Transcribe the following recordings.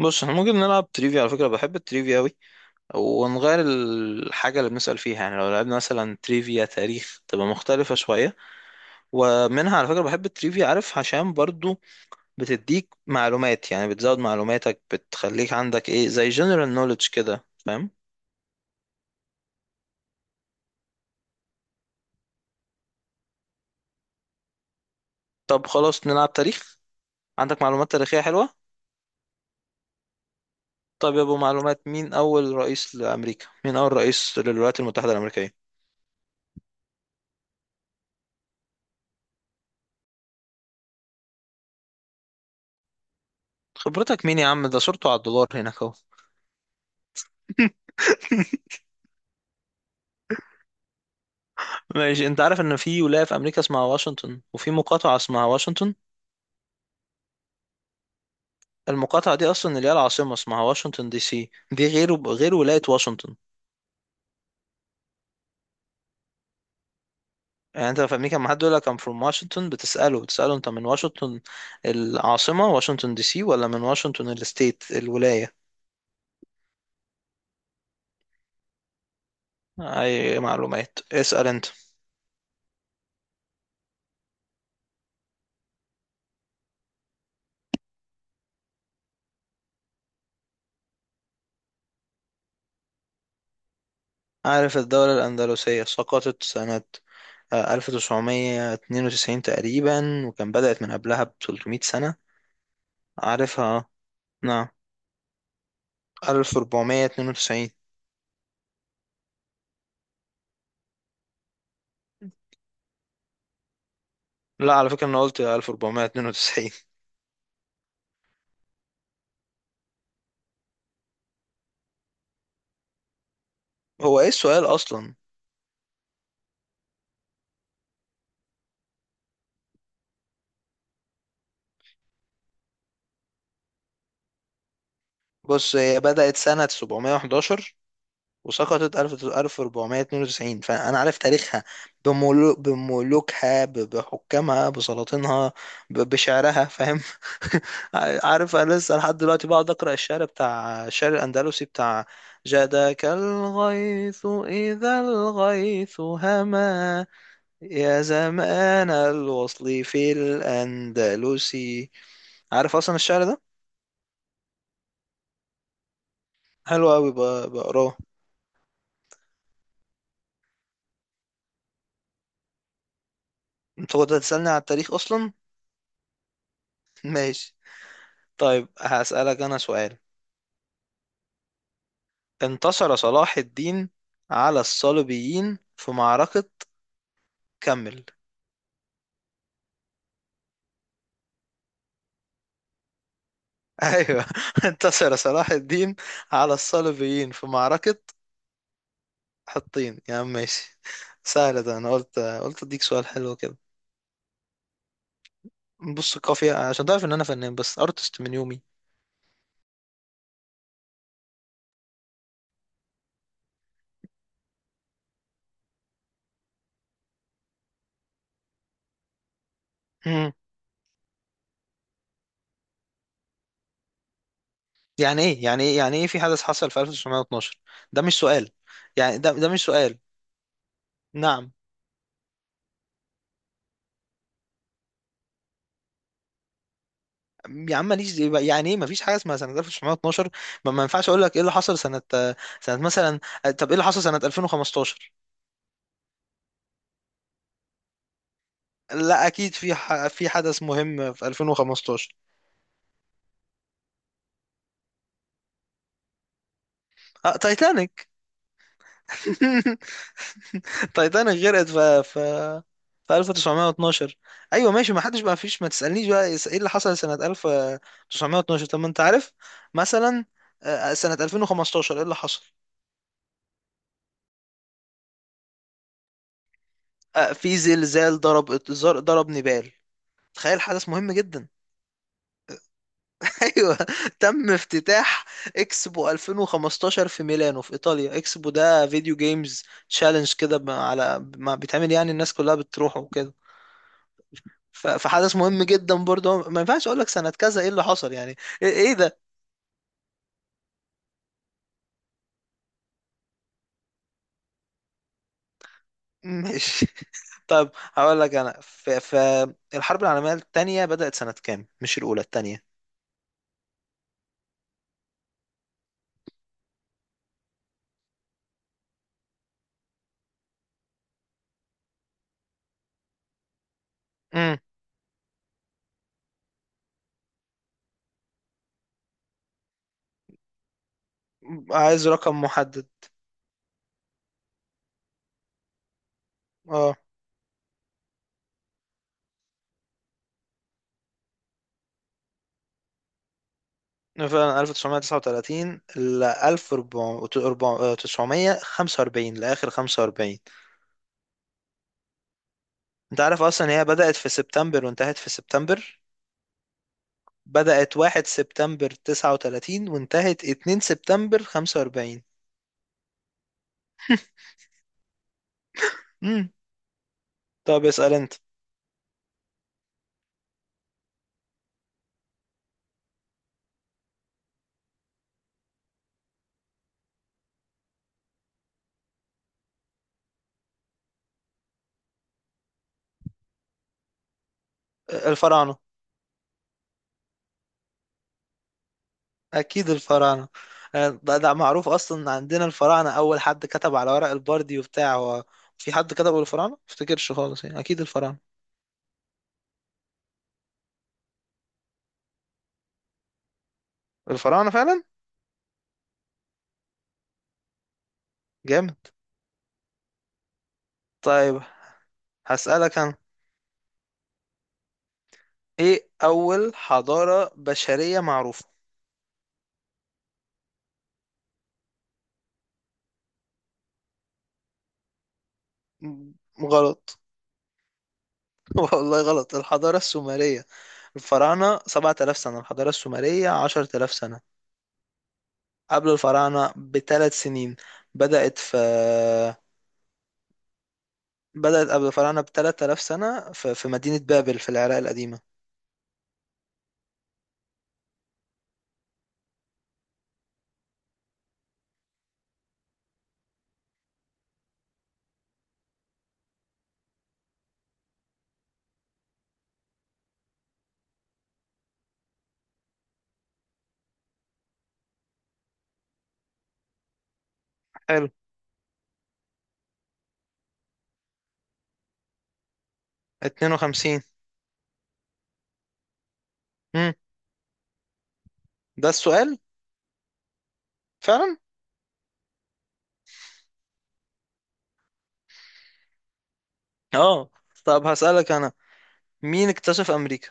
بص، احنا ممكن نلعب تريفيا. على فكرة بحب التريفيا أوي، ونغير الحاجة اللي بنسأل فيها. يعني لو لعبنا مثلا تريفيا تاريخ تبقى مختلفة شوية. ومنها على فكرة بحب التريفيا، عارف، عشان برضو بتديك معلومات. يعني بتزود معلوماتك، بتخليك عندك ايه زي جنرال نوليدج كده، فاهم؟ طب خلاص نلعب تاريخ. عندك معلومات تاريخية حلوة؟ طب يا ابو معلومات، مين أول رئيس لأمريكا؟ مين أول رئيس للولايات المتحدة الأمريكية؟ خبرتك مين يا عم؟ ده صورته على الدولار هناك اهو. ماشي. انت عارف ان في ولاية في امريكا اسمها واشنطن، وفي مقاطعة اسمها واشنطن. المقاطعة دي اصلا اللي هي العاصمة اسمها واشنطن دي سي، دي غير ولاية واشنطن. يعني انت في امريكا لما حد يقول لك I'm from واشنطن بتسأله انت من واشنطن العاصمة واشنطن دي سي، ولا من واشنطن الستيت الولاية. اي معلومات اسأل انت. عارف الدولة الاندلسية سقطت سنة 1992 تقريبا، وكان بدأت من قبلها ب 300 سنة. عارفها؟ نعم. 1492. لا على فكرة أنا قلت 1492. هو إيه السؤال أصلا؟ بص هي بدأت سنة 711 وسقطت 1000 1492، فأنا عارف تاريخها بملوكها، بحكامها، بسلاطينها، بشعرها، فاهم؟ عارف، أنا لسه لحد دلوقتي بقعد أقرأ الشعر الأندلسي بتاع جادك الغيث إذا الغيث هما، يا زمان الوصل في الأندلس. عارف اصلا الشعر ده؟ حلو قوي بقراه. انت كنت هتسألني على التاريخ اصلا. ماشي، طيب هسألك انا سؤال. انتصر صلاح الدين على الصليبيين في معركة، كمل. ايوه، انتصر صلاح الدين على الصليبيين في معركة حطين يا عم. ماشي، سهل ده. انا قلت اديك سؤال حلو كده. بص قافية، عشان تعرف ان انا فنان، بس ارتست من يومي. مم. يعني ايه يعني ايه يعني ايه، في حدث حصل في 1912؟ ده مش سؤال. يعني ده مش سؤال. نعم. يا عم ماليش يعني ايه مفيش حاجه اسمها سنه 1912. ما ينفعش اقول لك ايه اللي حصل سنه، سنه مثلا. طب ايه اللي حصل سنه 2015؟ لا اكيد في في حدث مهم في 2015. تايتانيك. تايتانيك غرقت في 1912. ايوه ماشي، ما حدش بقى، فيش ما تسالنيش بقى ايه اللي حصل سنه 1912. طب ما انت عارف مثلا، سنه 2015 ايه اللي حصل؟ في زلزال ضرب نيبال. تخيل، حدث مهم جدا. ايوه. تم افتتاح اكسبو 2015 في ميلانو في ايطاليا. اكسبو ده فيديو جيمز تشالنج كده، على ما بيتعمل، يعني الناس كلها بتروح وكده. فحدث مهم جدا برضه، ما ينفعش اقول لك سنة كذا ايه اللي حصل يعني. إيه ده؟ ماشي. طب هقول لك انا، فالحرب العالمية التانية بدأت سنة كام؟ مش الاولى، التانية. امم عايز رقم محدد. اه، فعلا 1939 ل 1945 لآخر 45. انت عارف اصلا هي بدأت في سبتمبر وانتهت في سبتمبر. بدأت 1 سبتمبر 39 وانتهت 2 سبتمبر 45. امم طب اسأل انت. الفراعنة. اكيد الفراعنة. ده معروف اصلا عندنا. الفراعنة اول حد كتب على ورق البردي وبتاع. هو في حد كتبه الفراعنة؟ ما افتكرش خالص يعني، اكيد الفراعنة. الفراعنة فعلا. جامد. طيب هسألك انا، ايه اول حضارة بشرية معروفة؟ م- غلط. والله غلط. الحضارة السومرية. الفراعنة 7000 سنة، الحضارة السومرية 10000 سنة. قبل الفراعنة بثلاث سنين. بدأت في، بدأت قبل الفراعنة ب 3000 سنة في مدينة بابل في العراق القديمة. حلو. 52. مم. ده السؤال؟ فعلا. اه، طب هسألك انا، مين اكتشف امريكا؟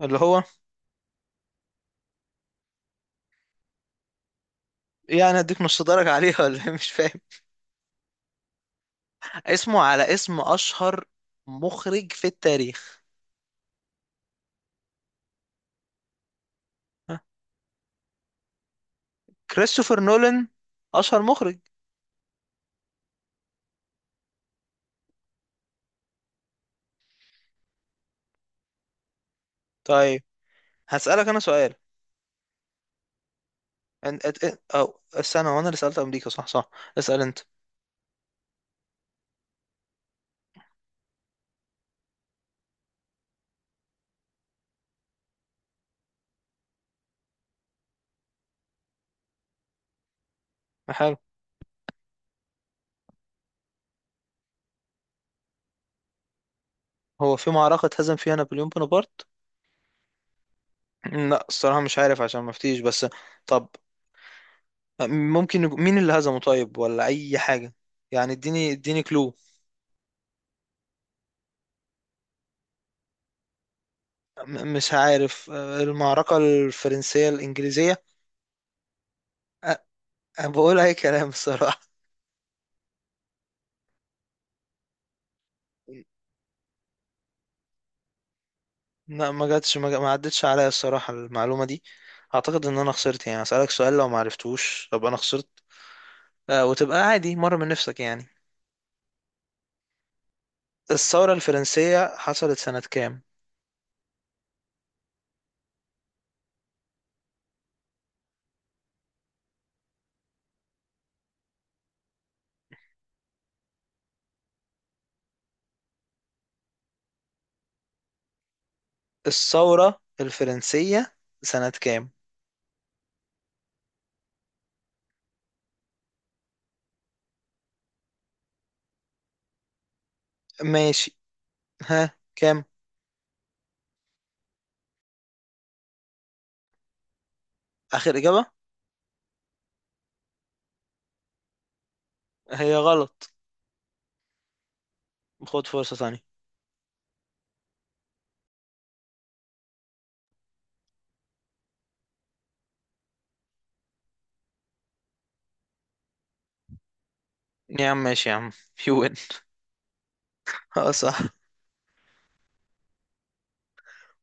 اللي هو، يعني اديك نص درجة عليها ولا إيه؟ مش فاهم. اسمه على اسم اشهر مخرج في التاريخ. ها؟ كريستوفر نولان اشهر مخرج. طيب هسألك انا سؤال. او استنى، وانا اللي سألت امريكا، صح، صح. اسأل انت. حلو. هو في معركة اتهزم فيها نابليون بونابرت؟ لا الصراحة مش عارف، عشان ما افتيش بس. طب ممكن مين اللي هزمه طيب، ولا اي حاجة؟ يعني اديني كلو. مش عارف، المعركة الفرنسية الانجليزية. أ- أنا بقول أي كلام الصراحة. لا ما جاتش، ما عدتش عليا الصراحة المعلومة دي. اعتقد ان انا خسرت، يعني اسألك سؤال لو ما عرفتوش ابقى انا خسرت. آه وتبقى عادي مرة من نفسك يعني. الثورة الفرنسية حصلت سنة كام؟ الثورة الفرنسية سنة كام؟ ماشي. ها كام؟ اخر اجابة. هي غلط. خد فرصة تانية. يا عم ماشي يا عم. UN. اه صح.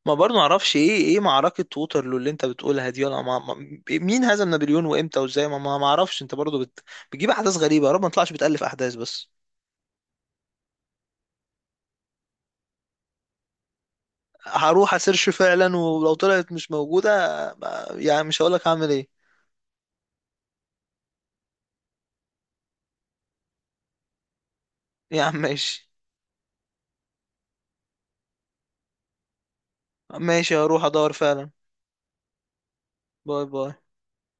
ما برضه معرفش، ايه معركة ووترلو اللي انت بتقولها دي؟ ولا مين هزم نابليون وامتى وازاي؟ ما معرفش. انت برضه بتجيب احداث غريبة، يا رب ما تطلعش بتألف احداث بس. هروح اسيرش فعلا، ولو طلعت مش موجودة يعني مش هقولك هعمل ايه. يا عم ماشي. ماشي هروح ادور فعلا. باي باي.